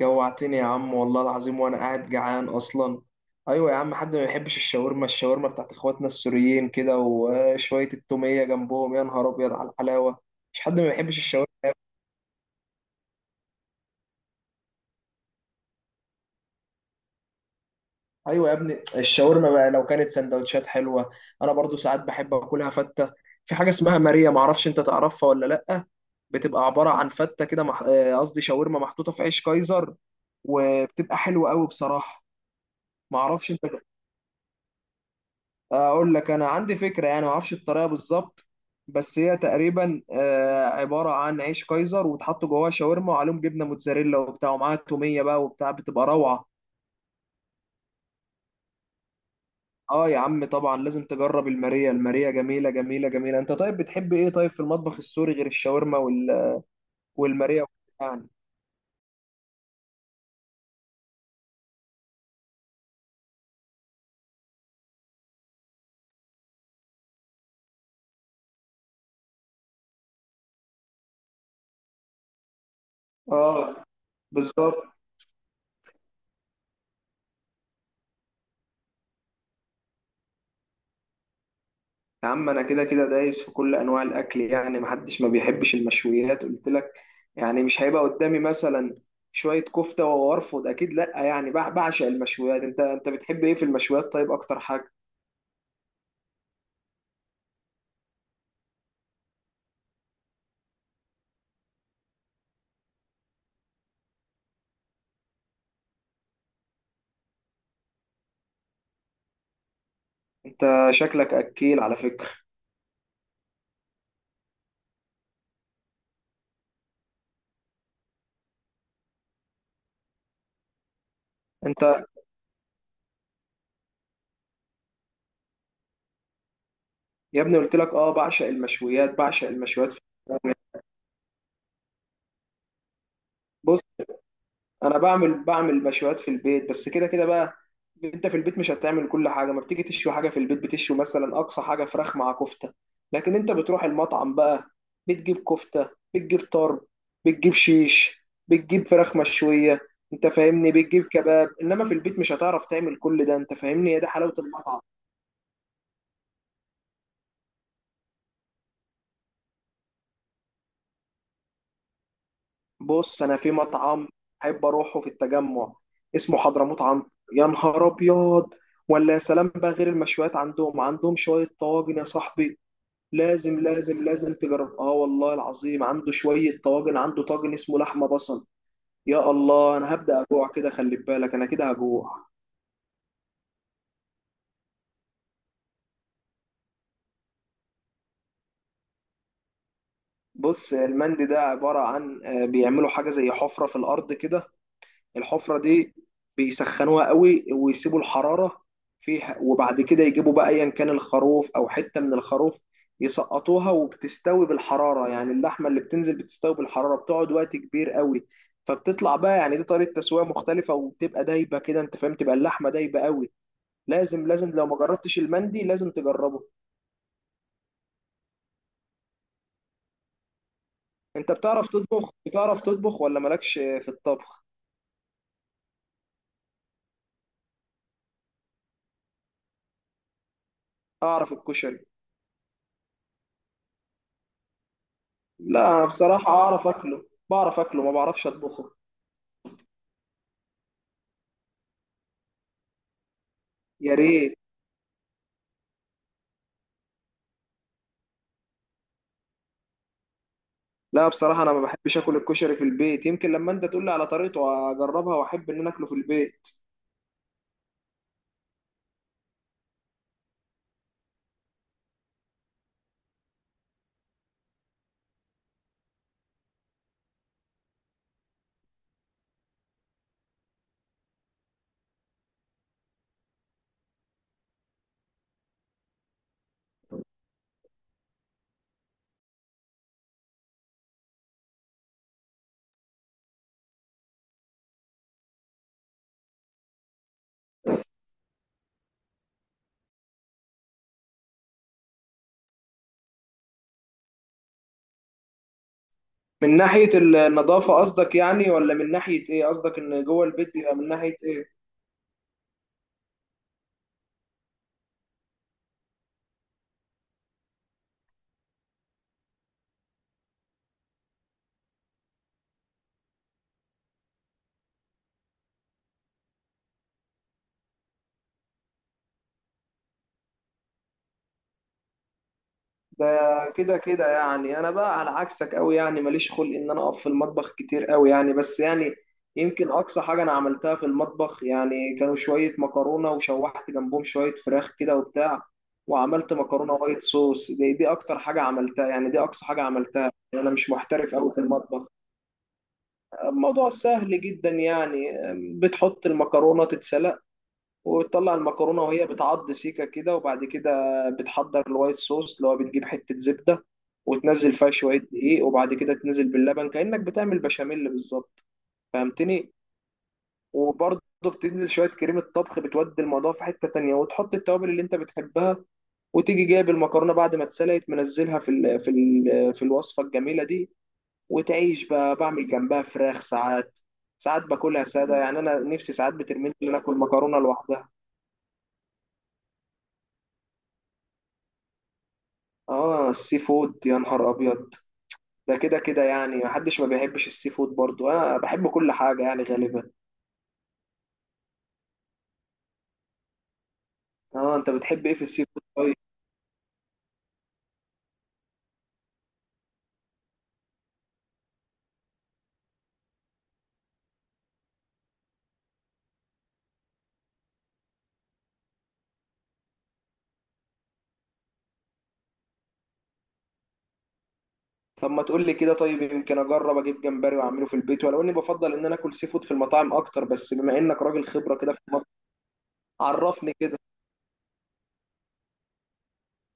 جوعتني يا عم، والله العظيم، وانا قاعد جعان اصلا. ايوه يا عم، حد ما يحبش الشاورما؟ الشاورما بتاعت اخواتنا السوريين كده وشويه التوميه جنبهم، يا نهار ابيض على الحلاوه. مش حد ما يحبش الشاورما. ايوه يا ابني الشاورما، بقى لو كانت سندوتشات حلوه انا برضو ساعات بحب اكلها فته. في حاجه اسمها ماريا، معرفش انت تعرفها ولا لا. بتبقى عباره عن فته كده قصدي شاورما محطوطه في عيش كايزر، وبتبقى حلوه قوي بصراحه. معرفش انت. اقول لك انا عندي فكره، يعني ما اعرفش الطريقه بالظبط، بس هي تقريبا عباره عن عيش كايزر وتحط جواه شاورما وعليهم جبنه موتزاريلا وبتاع، ومعاها توميه بقى وبتاع، بتبقى روعه. اه يا عم طبعا لازم تجرب الماريا، الماريا جميله جميله جميله. انت طيب بتحب ايه طيب في المطبخ السوري غير الشاورما وال... والماريا يعني. اه، بالظبط. يا عم انا كده كده دايس في كل انواع الاكل، يعني محدش ما بيحبش المشويات قلت لك، يعني مش هيبقى قدامي مثلا شوية كفتة وارفض، اكيد لا، يعني بعشق المشويات. انت بتحب ايه في المشويات طيب، اكتر حاجة؟ انت شكلك اكيل على فكرة. انت يا ابني قلت لك اه، بعشق المشويات بعشق المشويات بص انا بعمل مشويات في البيت بس كده كده بقى. انت في البيت مش هتعمل كل حاجه، ما بتيجي تشوي حاجه في البيت بتشوي مثلا اقصى حاجه فراخ مع كفته. لكن انت بتروح المطعم بقى، بتجيب كفته بتجيب طرب بتجيب شيش بتجيب فراخ مشويه، انت فاهمني، بتجيب كباب. انما في البيت مش هتعرف تعمل كل ده، انت فاهمني، هي ده حلاوه المطعم. بص انا في مطعم احب اروحه في التجمع اسمه حضرموت عنتر، يا نهار ابيض. ولا يا سلام بقى، غير المشويات عندهم شويه طواجن يا صاحبي. لازم لازم لازم تجرب، اه والله العظيم، عنده شويه طواجن، عنده طاجن اسمه لحمه بصل. يا الله، انا هبدا اجوع كده، خلي بالك انا كده هجوع. بص المندي ده عباره عن بيعملوا حاجه زي حفره في الارض كده. الحفرة دي بيسخنوها قوي، ويسيبوا الحرارة فيها، وبعد كده يجيبوا بقى ايا كان الخروف او حتة من الخروف، يسقطوها وبتستوي بالحرارة. يعني اللحمة اللي بتنزل بتستوي بالحرارة، بتقعد وقت كبير قوي، فبتطلع بقى، يعني دي طريقة تسوية مختلفة وبتبقى دايبة كده، انت فاهم، تبقى اللحمة دايبة قوي. لازم لازم لو ما جربتش المندي لازم تجربه. انت بتعرف تطبخ بتعرف تطبخ ولا مالكش في الطبخ؟ اعرف الكشري. لا انا بصراحة اعرف اكله بعرف اكله، ما بعرفش اطبخه. يا ريت. لا بصراحة أنا ما بحبش آكل الكشري في البيت، يمكن لما أنت تقول لي على طريقته أجربها وأحب إن أنا آكله في البيت. من ناحية النظافة قصدك يعني، ولا من ناحية إيه قصدك إن جوه البيت بيبقى من ناحية إيه؟ ده كده كده يعني أنا بقى على عكسك أوي، يعني ماليش خلق إن أنا أقف في المطبخ كتير أوي يعني، بس يعني يمكن أقصى حاجة أنا عملتها في المطبخ يعني كانوا شوية مكرونة وشوحت جنبهم شوية فراخ كده وبتاع. وعملت مكرونة وايت صوص، دي أكتر حاجة عملتها يعني، دي أقصى حاجة عملتها، أنا مش محترف أوي في المطبخ. الموضوع سهل جدا يعني، بتحط المكرونة تتسلق، وتطلع المكرونة وهي بتعض سيكة كده، وبعد كده بتحضر الوايت صوص، اللي هو بتجيب حتة زبدة وتنزل فيها شوية دقيق، وبعد كده تنزل باللبن كأنك بتعمل بشاميل بالظبط، فهمتني. وبرضه بتنزل شوية كريمة طبخ بتودي الموضوع في حتة تانية، وتحط التوابل اللي انت بتحبها، وتيجي جايب المكرونة بعد ما اتسلقت منزلها في الوصفة الجميلة دي. وتعيش بقى، بعمل جنبها فراخ ساعات، ساعات باكلها ساده، يعني انا نفسي ساعات بترمي لي ناكل مكرونه لوحدها. اه السي فود، يا نهار ابيض. ده كده كده يعني محدش ما بيحبش السي فود، برضو انا بحب كل حاجه يعني غالبا. اه انت بتحب ايه في السي فود طيب؟ طب ما تقول لي كده، طيب يمكن اجرب اجيب جمبري واعمله في البيت، ولو اني بفضل ان انا اكل سي فود في المطاعم اكتر، بس بما انك راجل خبره كده في المطبخ، عرفني كده.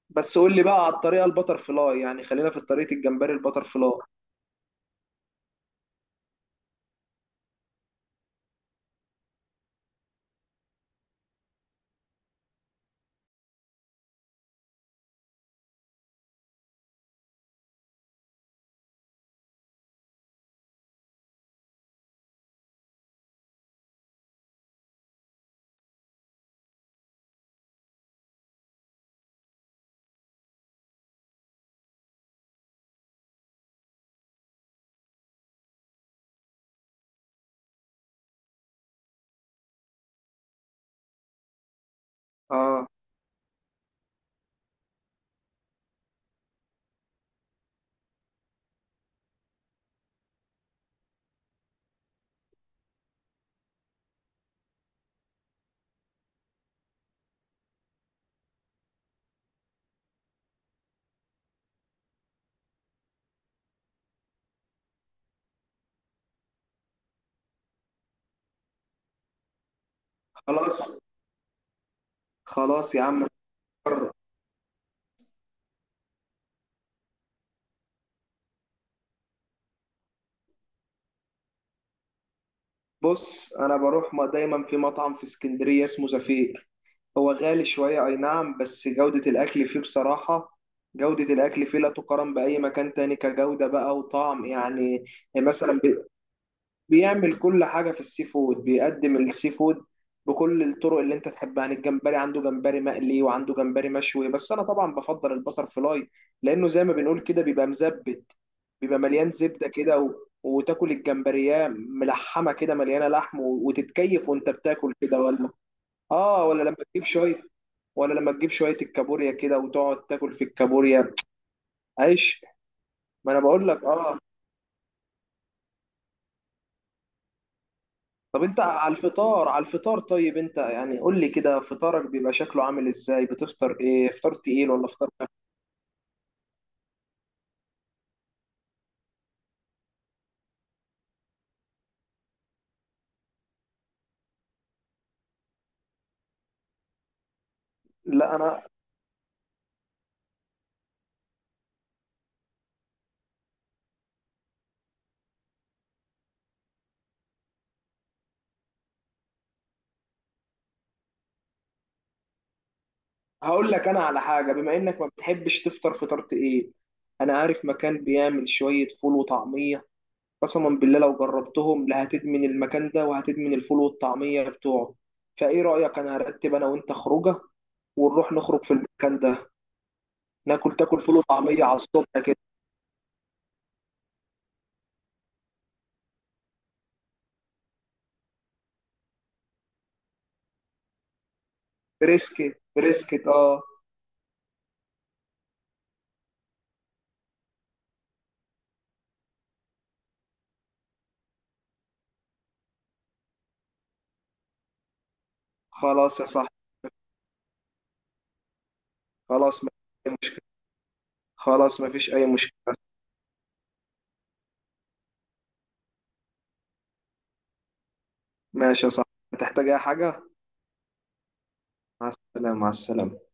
بس قول لي بقى على الطريقه البتر فلاي، يعني خلينا في طريقه الجمبري البتر فلاي. اه. خلاص، خلاص يا عم. بر- بص انا بروح ما دايما في مطعم في اسكندريه اسمه زفير، هو غالي شويه اي نعم، بس جوده الاكل فيه بصراحه، جوده الاكل فيه لا تقارن باي مكان تاني كجوده بقى وطعم يعني. يعني مثلا بيعمل كل حاجة في السي فود، بيقدم السي فود بكل الطرق اللي انت تحبها. يعني الجمبري عنده، جمبري مقلي وعنده جمبري مشوي، بس انا طبعا بفضل البتر فلاي لانه زي ما بنقول كده بيبقى مزبت، بيبقى مليان زبدة كده و... وتاكل الجمبرية ملحمة كده مليانة لحم و... وتتكيف وانت بتاكل كده ولا؟ اه. ولا لما تجيب شوية الكابوريا كده وتقعد تاكل في الكابوريا، عيش. ما انا بقول لك اه. طب انت على الفطار، على الفطار طيب، انت يعني قول لي كده فطارك بيبقى شكله عامل ازاي، بتفطر ايه، فطار تقيل ولا فطار خفيف؟ لا انا هقول لك انا على حاجه، بما انك ما بتحبش تفطر فطار تقيل، انا عارف مكان بيعمل شويه فول وطعميه، قسما بالله لو جربتهم لا هتدمن المكان ده وهتدمن الفول والطعميه بتوعه. فايه رايك انا هرتب انا وانت خروجه ونروح نخرج في المكان ده، ناكل تاكل فول وطعميه على الصبح كده. بريسكت، بريسكت، اه. خلاص يا صاحبي. خلاص مفيش خلاص مفيش أي مشكلة. ماشي يا صاحبي، هتحتاج أي حاجة؟ مع السلامة، مع السلامة.